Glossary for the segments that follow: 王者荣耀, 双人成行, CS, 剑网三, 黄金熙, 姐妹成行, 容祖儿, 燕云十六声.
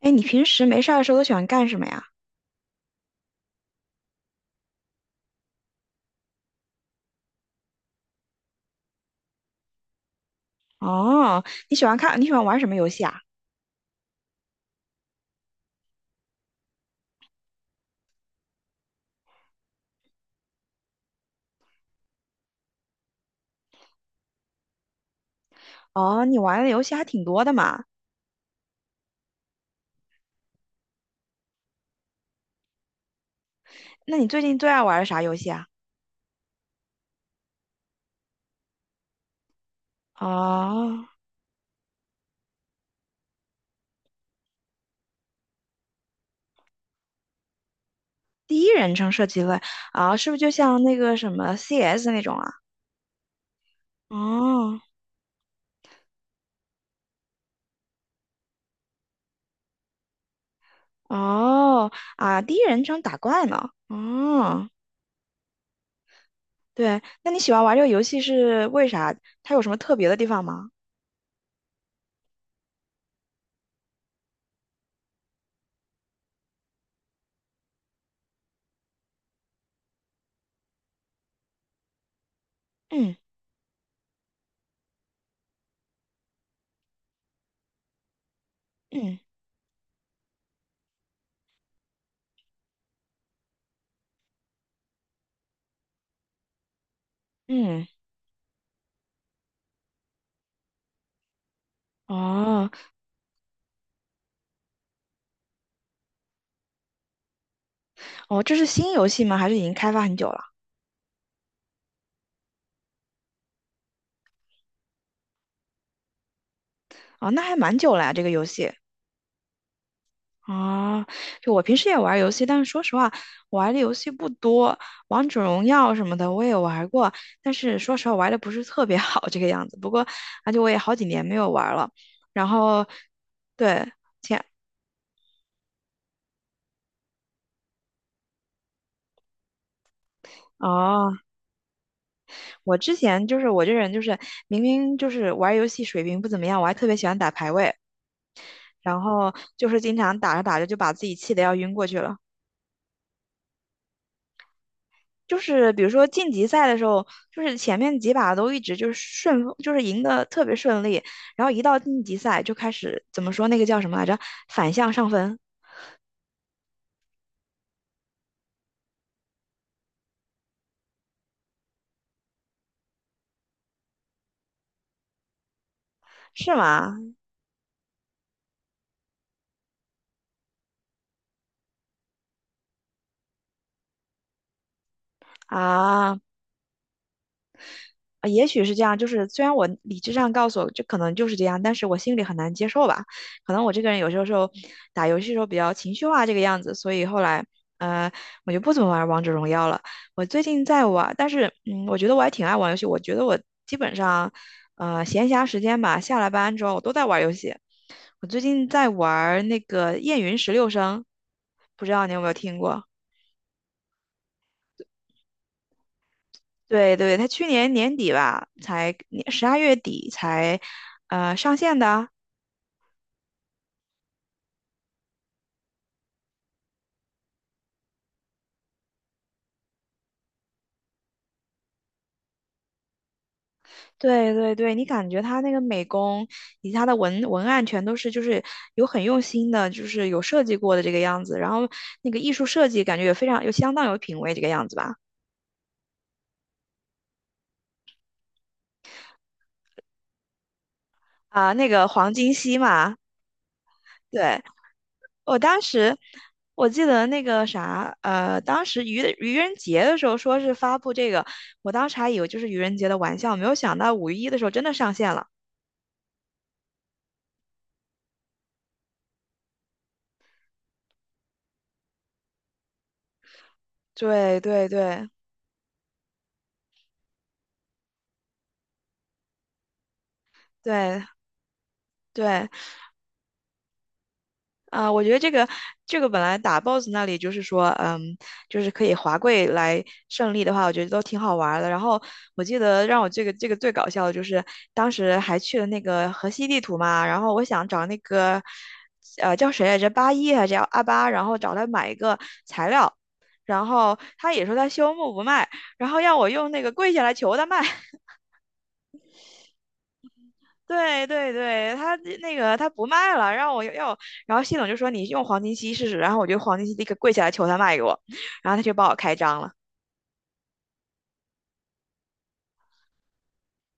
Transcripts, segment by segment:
哎，你平时没事儿的时候都喜欢干什么呀？哦，你喜欢玩什么游戏啊？哦，你玩的游戏还挺多的嘛。那你最近最爱玩的啥游戏啊？哦，第一人称射击类啊，是不是就像那个什么 CS 那种啊？哦哦啊，第一人称打怪呢？哦，对，那你喜欢玩这个游戏是为啥？它有什么特别的地方吗？嗯嗯嗯，哦哦，这是新游戏吗？还是已经开发很久了？哦，那还蛮久了呀，这个游戏。啊，就我平时也玩游戏，但是说实话，我玩的游戏不多。王者荣耀什么的我也玩过，但是说实话玩的不是特别 好这个样子。不过，而且我也好几年没有玩了。然后，对，前哦，我之前就是我这人就是明明就是玩游戏水平不怎么样，我还特别喜欢打排位，然后就是经常打着打着就把自己气的要晕过去了。就是比如说晋级赛的时候，就是前面几把都一直就是顺风，就是赢得特别顺利，然后一到晋级赛就开始怎么说那个叫什么来着？反向上分是吗？啊，啊，也许是这样，就是虽然我理智上告诉我这可能就是这样，但是我心里很难接受吧。可能我这个人有时候打游戏的时候比较情绪化这个样子，所以后来呃我就不怎么玩王者荣耀了。我最近在玩，但是我觉得我还挺爱玩游戏。我觉得我基本上闲暇时间吧，下了班之后我都在玩游戏。我最近在玩那个《燕云十六声》，不知道你有没有听过？对对，他去年年底吧，才12月底才，上线的。对对对，你感觉他那个美工以及他的文案全都是就是有很用心的，就是有设计过的这个样子，然后那个艺术设计感觉也非常有相当有品味这个样子吧。啊，那个黄金熙嘛，对，我当时我记得那个啥，当时愚人节的时候说是发布这个，我当时还以为就是愚人节的玩笑，没有想到5月1日的时候真的上线了。对对对对对啊、我觉得这个本来打 BOSS 那里就是说，嗯，就是可以滑跪来胜利的话，我觉得都挺好玩儿的。然后我记得让我这个最搞笑的就是当时还去了那个河西地图嘛，然后我想找那个叫谁来着，八一还是叫阿八，然后找他买一个材料，然后他也说他修木不卖，然后要我用那个跪下来求他卖。对对对，他那个他不卖了，让我要，然后系统就说你用黄金期试试，然后我就黄金期立刻跪下来求他卖给我，然后他就帮我开张了。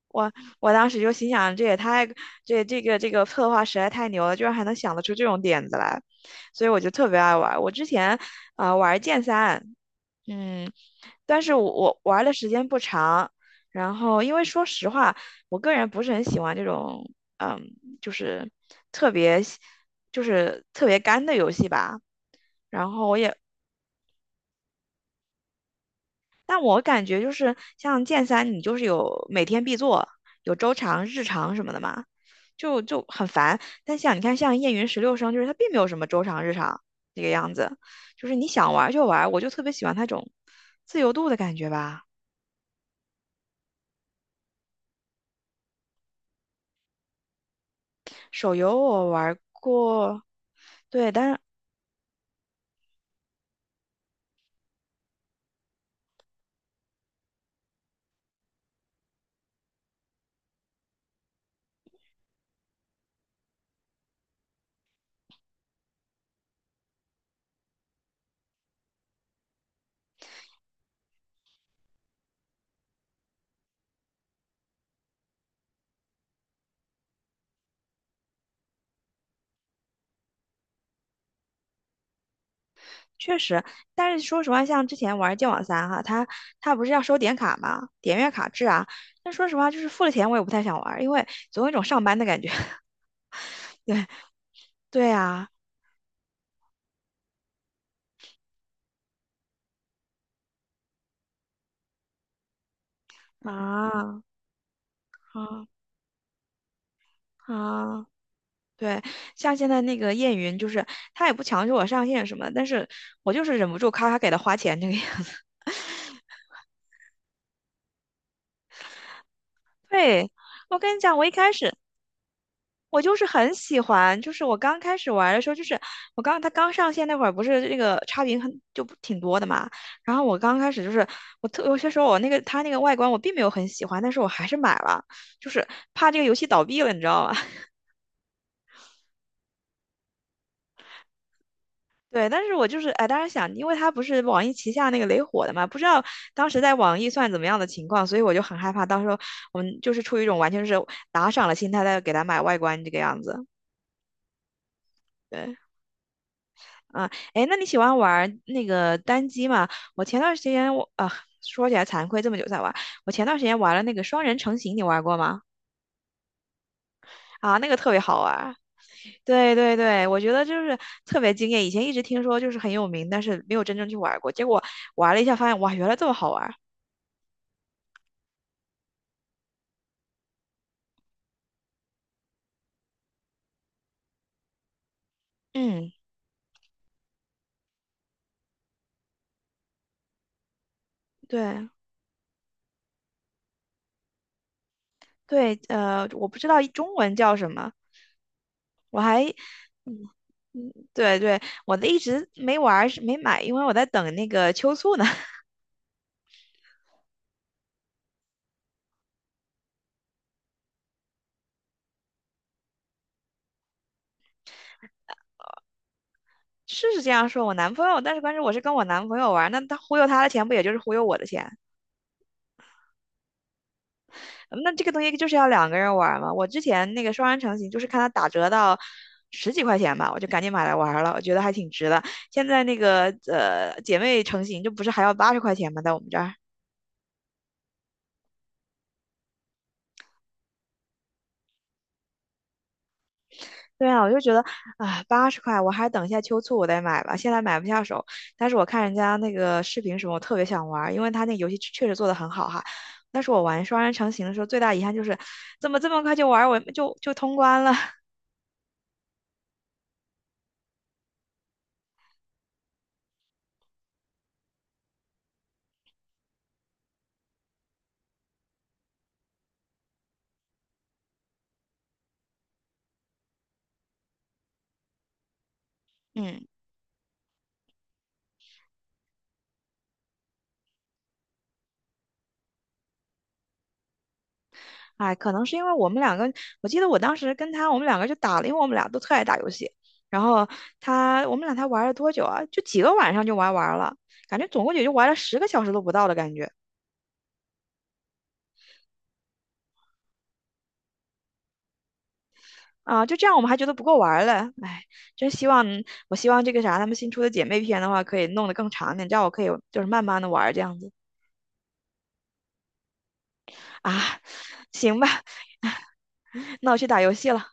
我我当时就心想，这也太这个策划实在太牛了，居然还能想得出这种点子来，所以我就特别爱玩我之前玩剑三，嗯，但是我玩的时间不长，然后因为说实话，我个人不是很喜欢这种，嗯，就是特别喜就是特别干的游戏吧。然后我也，但我感觉就是像剑三，你就是有每天必做，有周长、日常什么的嘛，就很烦。但像你看，像燕云十六声，就是它并没有什么周长、日常这个样子，就是你想玩就玩，我就特别喜欢那种自由度的感觉吧。手游我玩过，对，但是确实，但是说实话，像之前玩《剑网三》哈，它不是要收点卡嘛，点阅卡制啊。但说实话，就是付了钱我也不太想玩，因为总有一种上班的感觉。对啊，啊啊啊！对，像现在那个燕云，就是他也不强制我上线什么的，但是我就是忍不住咔咔给他花钱这个样子。对，我跟你讲，我一开始我就是很喜欢，就是我刚开始玩的时候，就是它刚上线那会儿，不是那个差评很就不挺多的嘛。然后我刚开始就是我特有些时候我那个它那个外观我并没有很喜欢，但是我还是买了，就是怕这个游戏倒闭了，你知道吧？对，但是我就是哎，当时想，因为它不是网易旗下那个雷火的嘛，不知道当时在网易算怎么样的情况，所以我就很害怕，到时候我们就是出于一种完全是打赏的心态在给它买外观这个样子。对。啊，哎，那你喜欢玩儿那个单机吗？我前段时间我啊，说起来惭愧，这么久才玩。我前段时间玩了那个双人成行，你玩过吗？啊，那个特别好玩儿对对对，我觉得就是特别惊艳。以前一直听说就是很有名，但是没有真正去玩过。结果玩了一下，发现哇，原来这么好玩儿嗯，对对，我不知道中文叫什么，我还嗯对对，我的一直没玩儿是没买，因为我在等那个秋促呢。是是这样说，我男朋友，但是关键我是跟我男朋友玩那他忽悠他的钱不也就是忽悠我的钱？嗯那这个东西就是要两个人玩嘛。我之前那个双人成行就是看他打折到10几块钱吧，我就赶紧买来玩了，我觉得还挺值的。现在那个姐妹成行就不是还要80块钱吗？在我们这儿对啊，我就觉得啊，八十块，我还是等一下秋促我再买吧，现在买不下手。但是我看人家那个视频什么，我特别想玩儿，因为他那个游戏确实做得很好哈。但是我玩双人成行的时候，最大遗憾就是怎么这么快就玩儿，我就通关了。嗯，哎，可能是因为我们两个，我记得我当时跟他，我们两个就打了，因为我们俩都特爱打游戏。然后他，我们俩才玩了多久啊？就几个晚上就玩完了，感觉总共也就玩了10个小时都不到的感觉。啊，就这样我们还觉得不够玩儿了，哎，真希望我希望这个啥，他们新出的姐妹篇的话，可以弄得更长点，这样我可以就是慢慢的玩儿这样子啊，行吧，那我去打游戏了。